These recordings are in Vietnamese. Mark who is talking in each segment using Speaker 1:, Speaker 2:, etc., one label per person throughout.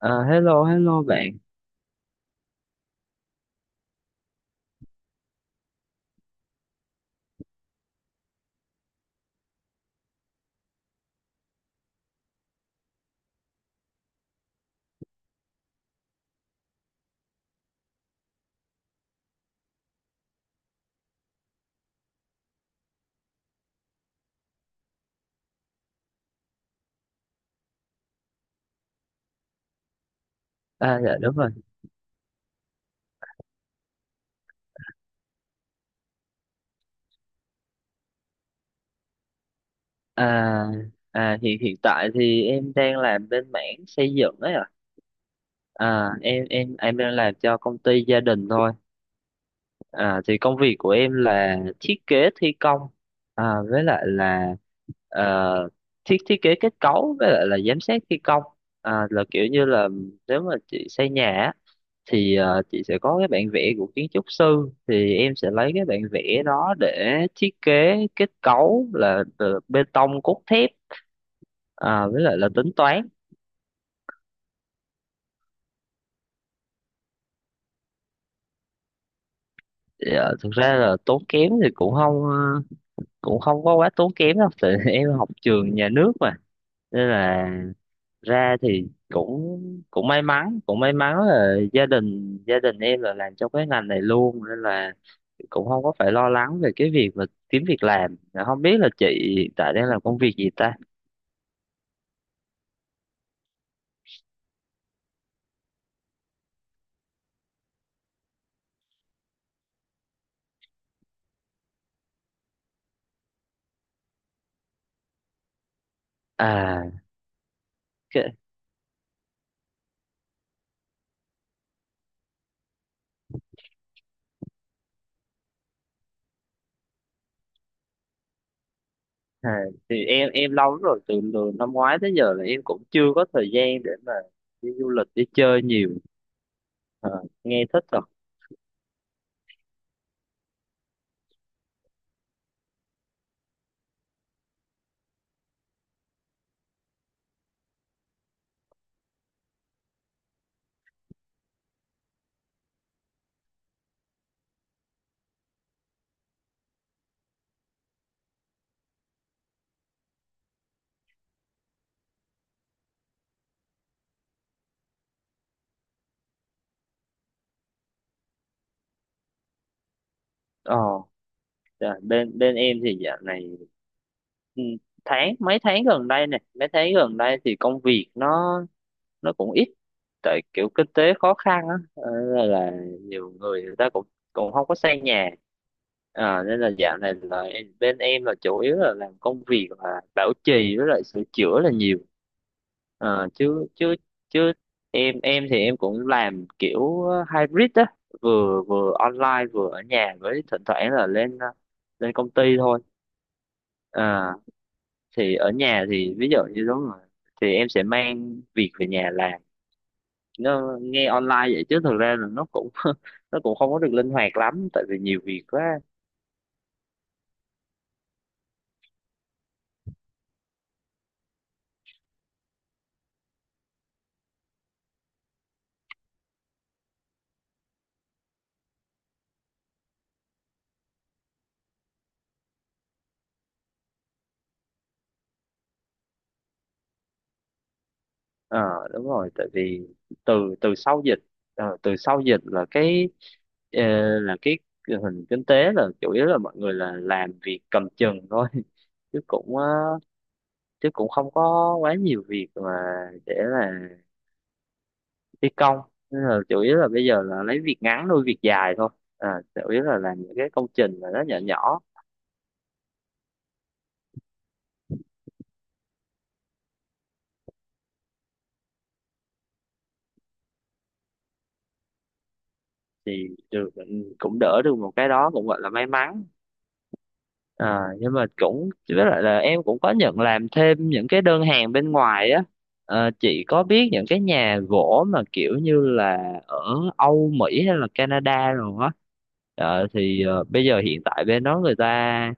Speaker 1: À, hello hello bạn. Dạ đúng rồi. à hiện hiện tại thì em đang làm bên mảng xây dựng ấy ạ. Em đang làm cho công ty gia đình thôi. Thì công việc của em là thiết kế thi công, à với lại là ờ, thiết thiết kế kết cấu với lại là giám sát thi công. Là kiểu như là nếu mà chị xây nhà á, thì chị sẽ có cái bản vẽ của kiến trúc sư thì em sẽ lấy cái bản vẽ đó để thiết kế kết cấu là từ bê tông cốt thép, à, với lại là tính toán. Thực ra là tốn kém thì cũng không ờ, cũng không có quá tốn kém đâu tại em học trường nhà nước mà, nên là ra thì cũng cũng may mắn, cũng may mắn là gia đình em là làm trong cái ngành này luôn, nên là cũng không có phải lo lắng về cái việc mà kiếm việc làm. Dạ, không biết là chị hiện tại đang làm công việc gì ta? À, cái, à Thì em lâu lắm rồi, từ năm ngoái tới giờ là em cũng chưa có thời gian để mà đi du lịch đi chơi nhiều. à, Nghe thích rồi. ờ dạ, bên bên em thì dạo này, ừ, tháng mấy tháng gần đây nè mấy tháng gần đây thì công việc nó cũng ít, tại kiểu kinh tế khó khăn á, nên là nhiều người người ta cũng cũng không có xây nhà. Ờ, nên là dạo này là bên em là chủ yếu là làm công việc là bảo trì với lại sửa chữa là nhiều. Ờ, chứ chứ chứ em thì em cũng làm kiểu hybrid á, vừa vừa online vừa ở nhà, với thỉnh thoảng là lên lên công ty thôi. Ờ, thì ở nhà thì ví dụ như đúng rồi, thì em sẽ mang việc về nhà làm. Nó nghe online vậy chứ thực ra là nó cũng nó cũng không có được linh hoạt lắm tại vì nhiều việc quá. Ờ Đúng rồi, tại vì từ từ sau dịch, ờ, từ sau dịch là cái ờ, là cái hình kinh tế là chủ yếu là mọi người là làm việc cầm chừng thôi chứ cũng ờ, chứ cũng không có quá nhiều việc mà để là thi công, nên là chủ yếu là bây giờ là lấy việc ngắn nuôi việc dài thôi. À, chủ yếu là làm những cái công trình mà nó nhỏ nhỏ thì được. Ừ, cũng đỡ được một cái, đó cũng gọi là may mắn. À, nhưng mà cũng với lại là em cũng có nhận làm thêm những cái đơn hàng bên ngoài á. Ờ, chị có biết những cái nhà gỗ mà kiểu như là ở Âu Mỹ hay là Canada rồi á, thì bây giờ hiện tại bên đó người ta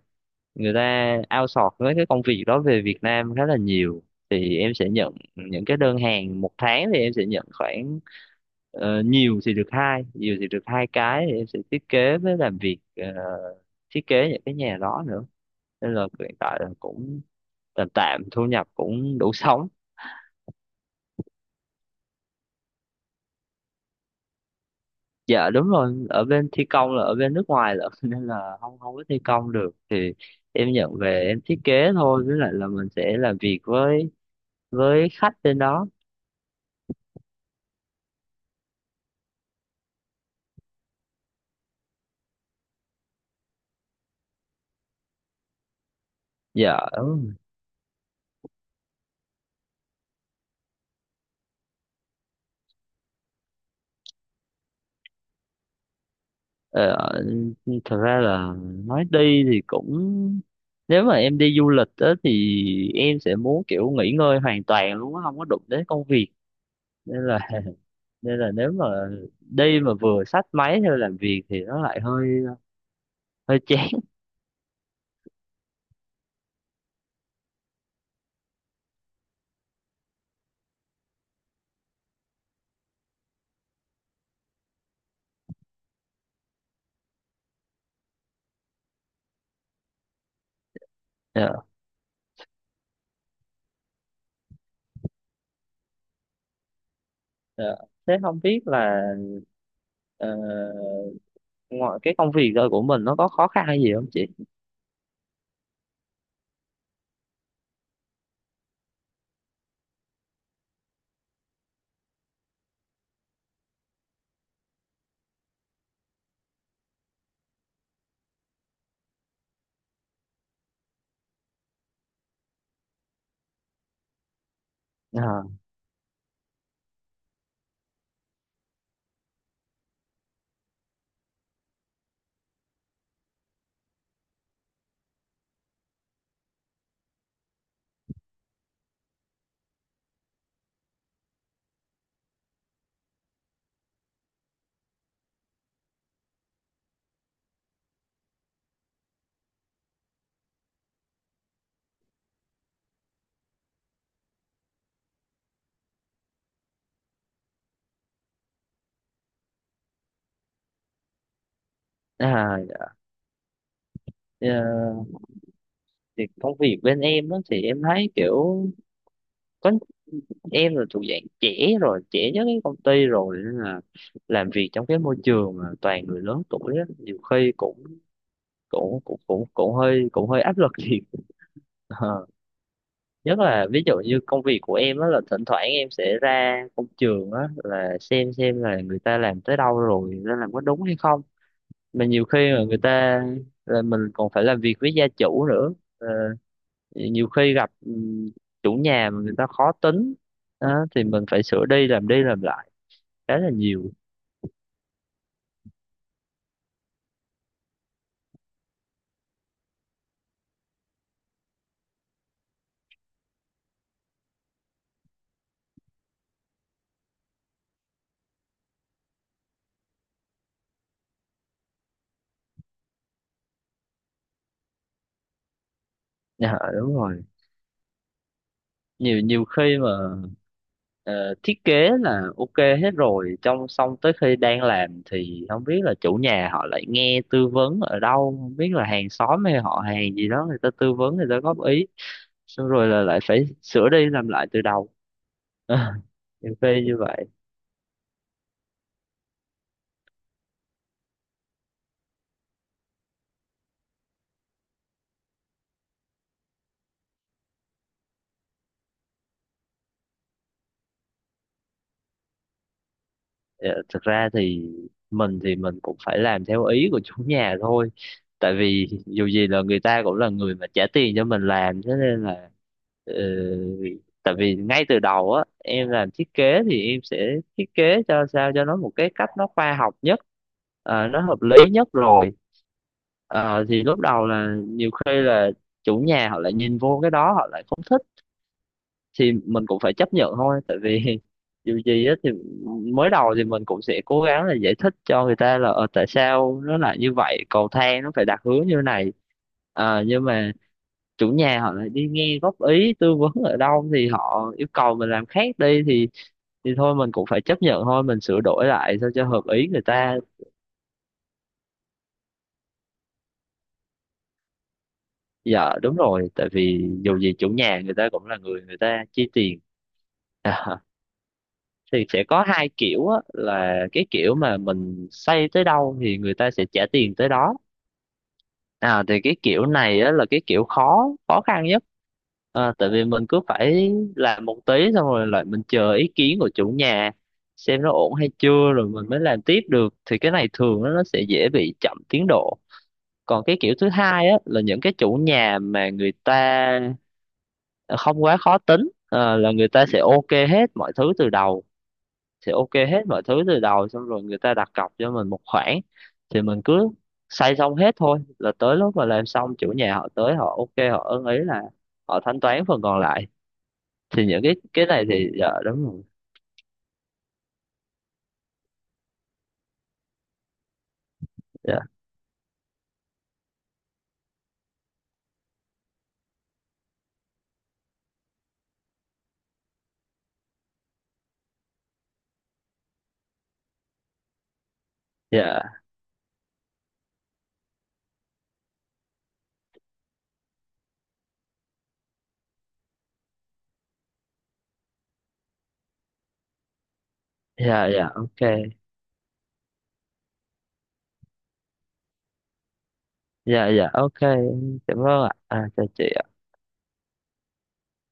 Speaker 1: người ta outsource với cái công việc đó về Việt Nam khá là nhiều. Thì em sẽ nhận những cái đơn hàng một tháng, thì em sẽ nhận khoảng nhiều thì được hai cái, thì em sẽ thiết kế với làm việc, thiết kế những cái nhà đó nữa, nên là hiện tại là cũng tạm tạm, thu nhập cũng đủ sống. Dạ đúng rồi, ở bên thi công là ở bên nước ngoài là nên là không không có thi công được, thì em nhận về em thiết kế thôi, với lại là mình sẽ làm việc với khách bên đó. Dạ đúng rồi. ờ, Thật ra là nói đi thì cũng, nếu mà em đi du lịch á thì em sẽ muốn kiểu nghỉ ngơi hoàn toàn luôn á, không có đụng đến công việc. Nên là nên là nếu mà đi mà vừa xách máy theo làm việc thì nó lại hơi hơi chán. Dạ, dạ. Thế không biết là ờ, ngoài cái công việc đó của mình nó có khó khăn hay gì không chị? à, dạ. Ờ, thì công việc bên em đó thì em thấy kiểu có, em là thuộc dạng trẻ, rồi trẻ nhất cái công ty rồi, nên là làm việc trong cái môi trường mà toàn người lớn tuổi á nhiều khi cũng cũng cũng cũng cũng hơi áp lực thiệt. Ờ. Nhất là ví dụ như công việc của em á là thỉnh thoảng em sẽ ra công trường á, là xem là người ta làm tới đâu rồi nên làm có đúng hay không. Mà nhiều khi mà người ta là mình còn phải làm việc với gia chủ nữa. Ờ, nhiều khi gặp chủ nhà mà người ta khó tính á, thì mình phải sửa đi làm lại khá là nhiều. Dạ đúng rồi, nhiều nhiều khi mà ờ, thiết kế là ok hết rồi, trong xong tới khi đang làm thì không biết là chủ nhà họ lại nghe tư vấn ở đâu, không biết là hàng xóm hay họ hàng gì đó, người ta tư vấn người ta góp ý, xong rồi là lại phải sửa đi làm lại từ đầu. Nhiều khi như vậy. Dạ, thực ra thì mình cũng phải làm theo ý của chủ nhà thôi, tại vì dù gì là người ta cũng là người mà trả tiền cho mình làm, thế nên là ờ, tại vì ngay từ đầu á em làm thiết kế thì em sẽ thiết kế cho sao cho nó một cái cách nó khoa học nhất, nó hợp lý nhất rồi. Ờ, thì lúc đầu là nhiều khi là chủ nhà họ lại nhìn vô cái đó họ lại không thích, thì mình cũng phải chấp nhận thôi, tại vì dù gì á thì mới đầu thì mình cũng sẽ cố gắng là giải thích cho người ta là tại sao nó lại như vậy, cầu thang nó phải đặt hướng như này. Ờ, nhưng mà chủ nhà họ lại đi nghe góp ý tư vấn ở đâu thì họ yêu cầu mình làm khác đi, thì thôi mình cũng phải chấp nhận thôi, mình sửa đổi lại sao cho hợp ý người ta. Dạ đúng rồi, tại vì dù gì chủ nhà người ta cũng là người, người ta chi tiền. Thì sẽ có hai kiểu á, là cái kiểu mà mình xây tới đâu thì người ta sẽ trả tiền tới đó. À, thì cái kiểu này á, là cái kiểu khó khó khăn nhất, à, tại vì mình cứ phải làm một tí xong rồi lại mình chờ ý kiến của chủ nhà xem nó ổn hay chưa rồi mình mới làm tiếp được, thì cái này thường nó sẽ dễ bị chậm tiến độ. Còn cái kiểu thứ hai á, là những cái chủ nhà mà người ta không quá khó tính, à, là người ta sẽ ok hết mọi thứ từ đầu, thì ok hết mọi thứ từ đầu xong rồi người ta đặt cọc cho mình một khoản, thì mình cứ xây xong hết thôi, là tới lúc mà làm xong chủ nhà họ tới họ ok họ ưng ý là họ thanh toán phần còn lại. Thì những cái này thì dạ đúng rồi. Dạ dạ dạ dạ ok. Dạ dạ ok, cảm ơn ạ. À, chào chị ạ.